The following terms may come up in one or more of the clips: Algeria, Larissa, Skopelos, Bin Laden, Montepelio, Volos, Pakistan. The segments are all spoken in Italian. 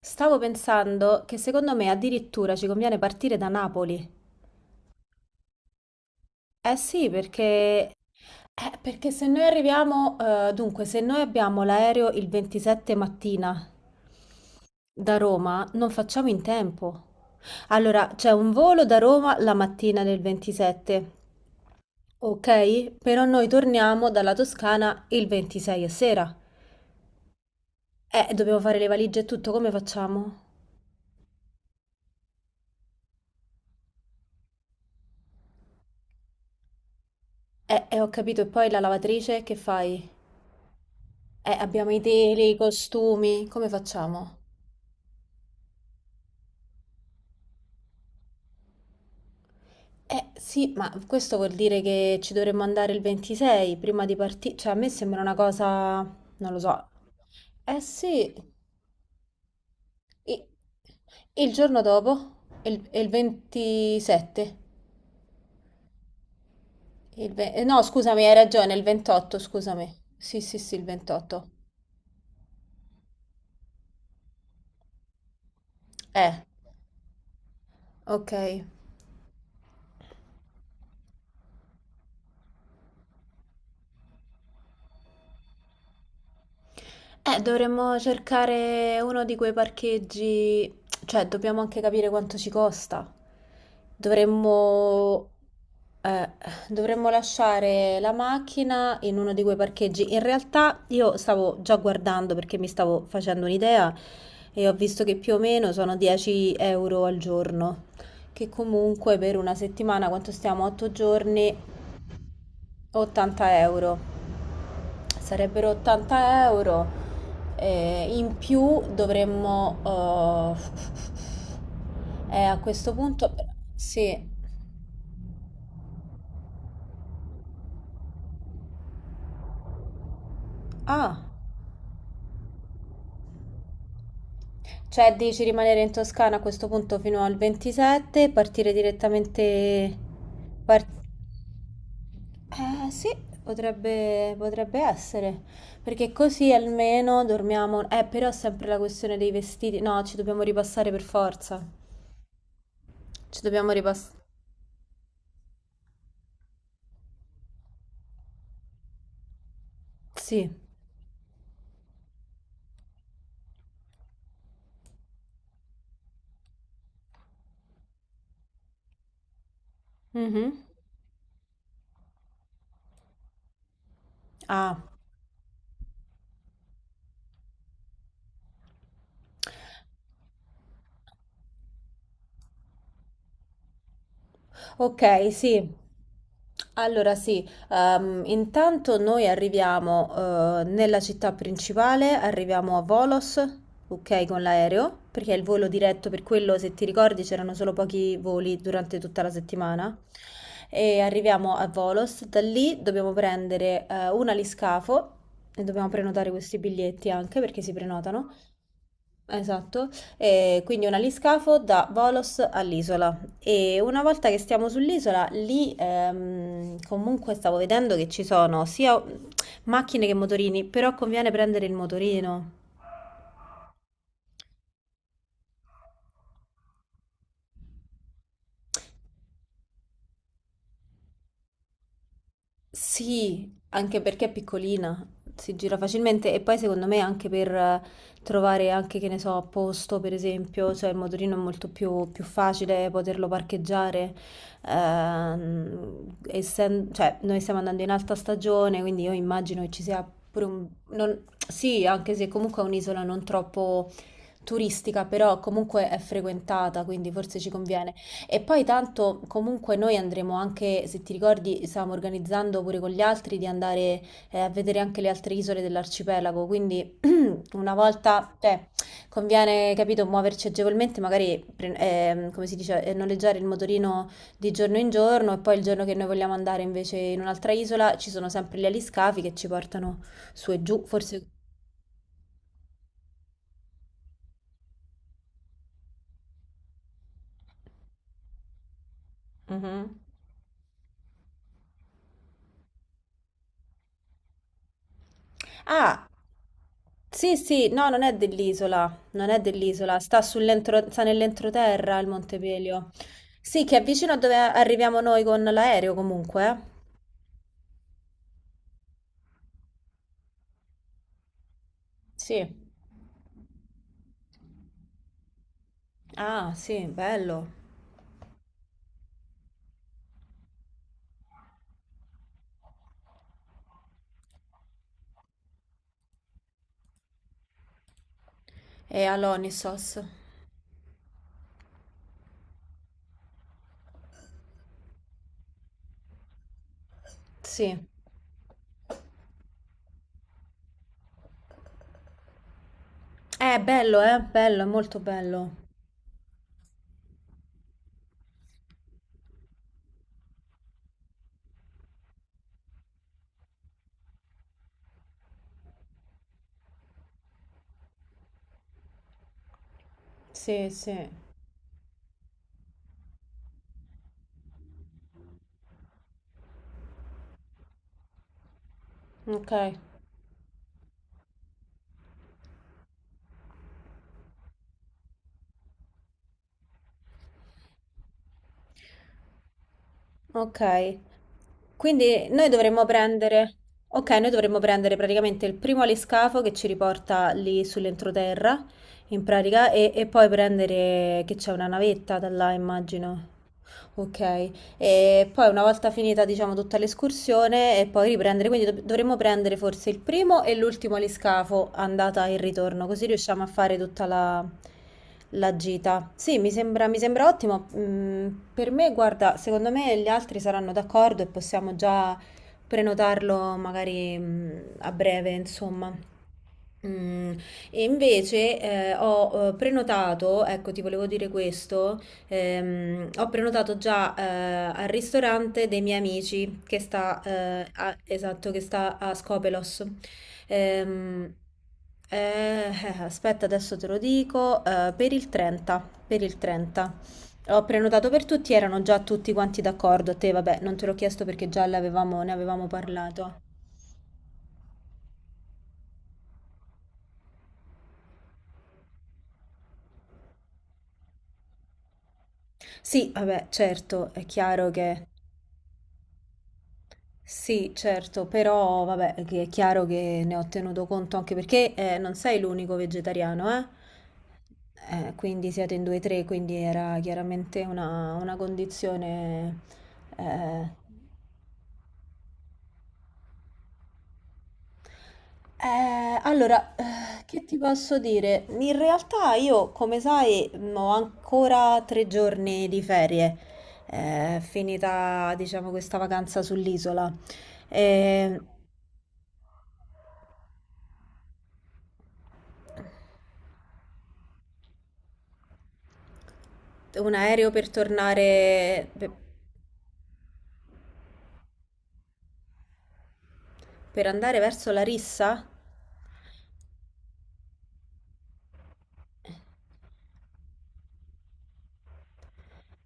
Stavo pensando che secondo me addirittura ci conviene partire da Napoli. Eh sì, perché se noi abbiamo l'aereo il 27 mattina da Roma, non facciamo in tempo. Allora, c'è un volo da Roma la mattina del 27, ok? Però noi torniamo dalla Toscana il 26 a sera. Dobbiamo fare le valigie e tutto, come facciamo? Ho capito, e poi la lavatrice, che fai? Abbiamo i teli, i costumi, come facciamo? Eh sì, ma questo vuol dire che ci dovremmo andare il 26 prima di partire. Cioè, a me sembra una cosa, non lo so. Eh sì, i- il giorno dopo, il 27. No, scusami, hai ragione, il 28, scusami. Sì, sì, sì, il 28. Eh, ok. Dovremmo cercare uno di quei parcheggi, cioè dobbiamo anche capire quanto ci costa. Dovremmo, eh, dovremmo lasciare la macchina in uno di quei parcheggi. In realtà io stavo già guardando perché mi stavo facendo un'idea e ho visto che più o meno sono 10 euro al giorno, che comunque per una settimana, quanto stiamo? 8 giorni, 80 euro. Sarebbero 80 euro, in più dovremmo. A questo punto. Sì. Ah, cioè dici rimanere in Toscana a questo punto fino al 27, partire direttamente. par- Eh sì, potrebbe, essere. Perché così almeno dormiamo. Però sempre la questione dei vestiti. No, ci dobbiamo ripassare per forza. Ci dobbiamo ripassare. Sì. Mhm. Ah. Ok, sì. Allora sì, intanto noi arriviamo nella città principale, arriviamo a Volos, ok, con l'aereo, perché è il volo diretto, per quello se ti ricordi c'erano solo pochi voli durante tutta la settimana. E arriviamo a Volos, da lì dobbiamo prendere un aliscafo e dobbiamo prenotare questi biglietti anche perché si prenotano. Esatto, e quindi un aliscafo da Volos all'isola e una volta che stiamo sull'isola lì comunque stavo vedendo che ci sono sia macchine che motorini, però conviene prendere il motorino. Sì, anche perché è piccolina, si gira facilmente e poi secondo me anche per trovare anche, che ne so, posto per esempio, cioè il motorino è molto più facile poterlo parcheggiare, cioè noi stiamo andando in alta stagione, quindi io immagino che ci sia pure un. Sì, anche se comunque è un'isola non troppo turistica, però comunque è frequentata, quindi forse ci conviene. E poi tanto comunque noi andremo anche, se ti ricordi, stavamo organizzando pure con gli altri di andare a vedere anche le altre isole dell'arcipelago, quindi una volta, cioè, conviene, capito, muoverci agevolmente, magari, come si dice, noleggiare il motorino di giorno in giorno e poi il giorno che noi vogliamo andare invece in un'altra isola ci sono sempre gli aliscafi che ci portano su e giù, forse. Mhm. Ah, sì, sì, no, non è dell'isola, non è dell'isola, sta nell'entroterra il Montepelio. Sì, che è vicino a dove arriviamo noi con l'aereo comunque. Sì. Ah, sì, bello. E all'Onisos. Sì. È bello, bello, è molto bello. Sì, sì. Ok. Ok, quindi noi dovremmo prendere, ok, noi dovremmo prendere praticamente il primo aliscafo che ci riporta lì sull'entroterra, in pratica, e poi prendere che c'è una navetta da là, immagino. Ok, e poi una volta finita, diciamo, tutta l'escursione e poi riprendere, quindi dovremmo prendere forse il primo e l'ultimo aliscafo, andata e ritorno, così riusciamo a fare tutta la gita. Sì, mi sembra ottimo. Per me, guarda, secondo me gli altri saranno d'accordo e possiamo già prenotarlo magari, a breve, insomma. Mm, E invece ho prenotato, ecco, ti volevo dire questo. Ho prenotato già al ristorante dei miei amici che sta, esatto, che sta a Skopelos. Ehm, eh, Aspetta, adesso te lo dico, per il 30, per il 30. Ho prenotato per tutti, erano già tutti quanti d'accordo. A te, vabbè, non te l'ho chiesto perché ne avevamo parlato. Sì, vabbè, certo, è chiaro che. Sì, certo, però vabbè, che è chiaro che ne ho tenuto conto anche perché non sei l'unico vegetariano, eh? Quindi siete in due o tre, quindi era chiaramente una condizione. eh. Allora, che ti posso dire? In realtà io, come sai, ho ancora 3 giorni di ferie, finita, diciamo, questa vacanza sull'isola. Eh, un aereo per tornare. Per andare verso Larissa?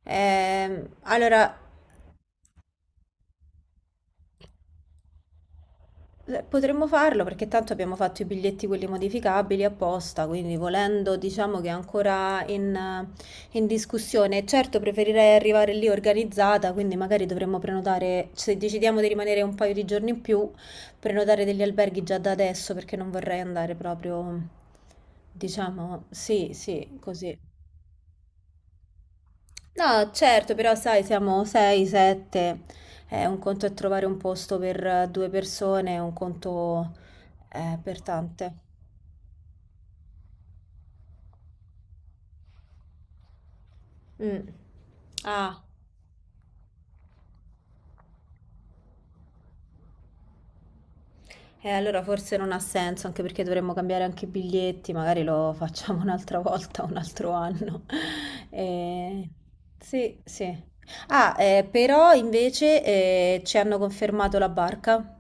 Allora, potremmo farlo perché tanto abbiamo fatto i biglietti quelli modificabili apposta, quindi volendo diciamo che è ancora in, in discussione. Certo, preferirei arrivare lì organizzata, quindi magari dovremmo prenotare, se decidiamo di rimanere un paio di giorni in più, prenotare degli alberghi già da adesso perché non vorrei andare proprio, diciamo, sì, sì, così. No, certo, però sai, siamo 6, 7, un conto è trovare un posto per due persone, un conto per tante. Mm. Ah, e allora forse non ha senso, anche perché dovremmo cambiare anche i biglietti, magari lo facciamo un'altra volta, un altro anno. Eh, sì, sì. Ah, però invece ci hanno confermato la barca.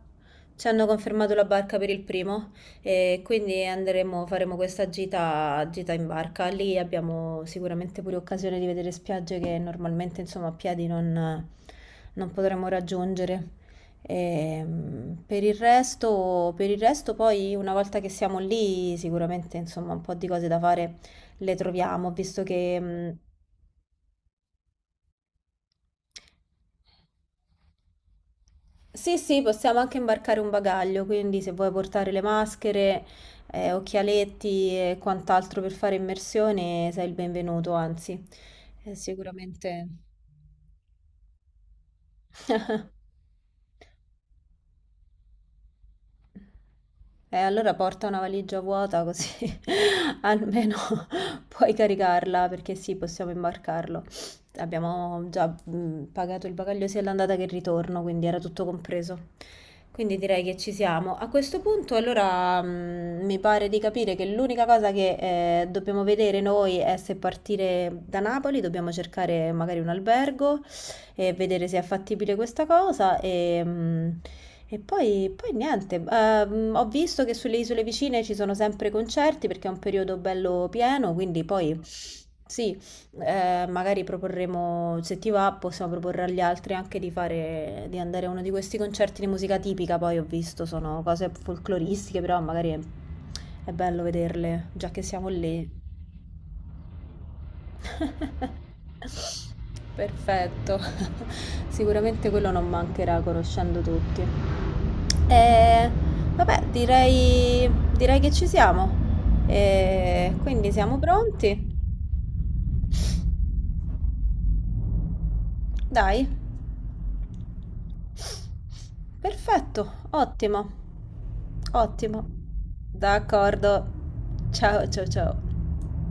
Ci hanno confermato la barca per il primo e quindi andremo, faremo questa gita, gita in barca. Lì abbiamo sicuramente pure occasione di vedere spiagge che normalmente, insomma, a piedi non potremo raggiungere. Per il resto, poi una volta che siamo lì sicuramente insomma un po' di cose da fare le troviamo, visto che sì, sì, possiamo anche imbarcare un bagaglio, quindi se vuoi portare le maschere, occhialetti e quant'altro per fare immersione sei il benvenuto, anzi sicuramente. E allora porta una valigia vuota così almeno puoi caricarla perché sì, possiamo imbarcarlo. Abbiamo già pagato il bagaglio sia all'andata che il ritorno, quindi era tutto compreso. Quindi direi che ci siamo. A questo punto, allora, mi pare di capire che l'unica cosa che dobbiamo vedere noi è se partire da Napoli, dobbiamo cercare magari un albergo e vedere se è fattibile questa cosa e poi, niente. Ho visto che sulle isole vicine ci sono sempre concerti perché è un periodo bello pieno, quindi poi sì, magari proporremo, se ti va, possiamo proporre agli altri anche di fare, di andare a uno di questi concerti di musica tipica, poi ho visto sono cose folcloristiche, però magari è bello vederle, già che siamo lì. Perfetto. Sicuramente quello non mancherà conoscendo tutti. E vabbè, direi, che ci siamo. E quindi siamo pronti? Dai, perfetto, ottimo, ottimo. D'accordo. Ciao, ciao, ciao.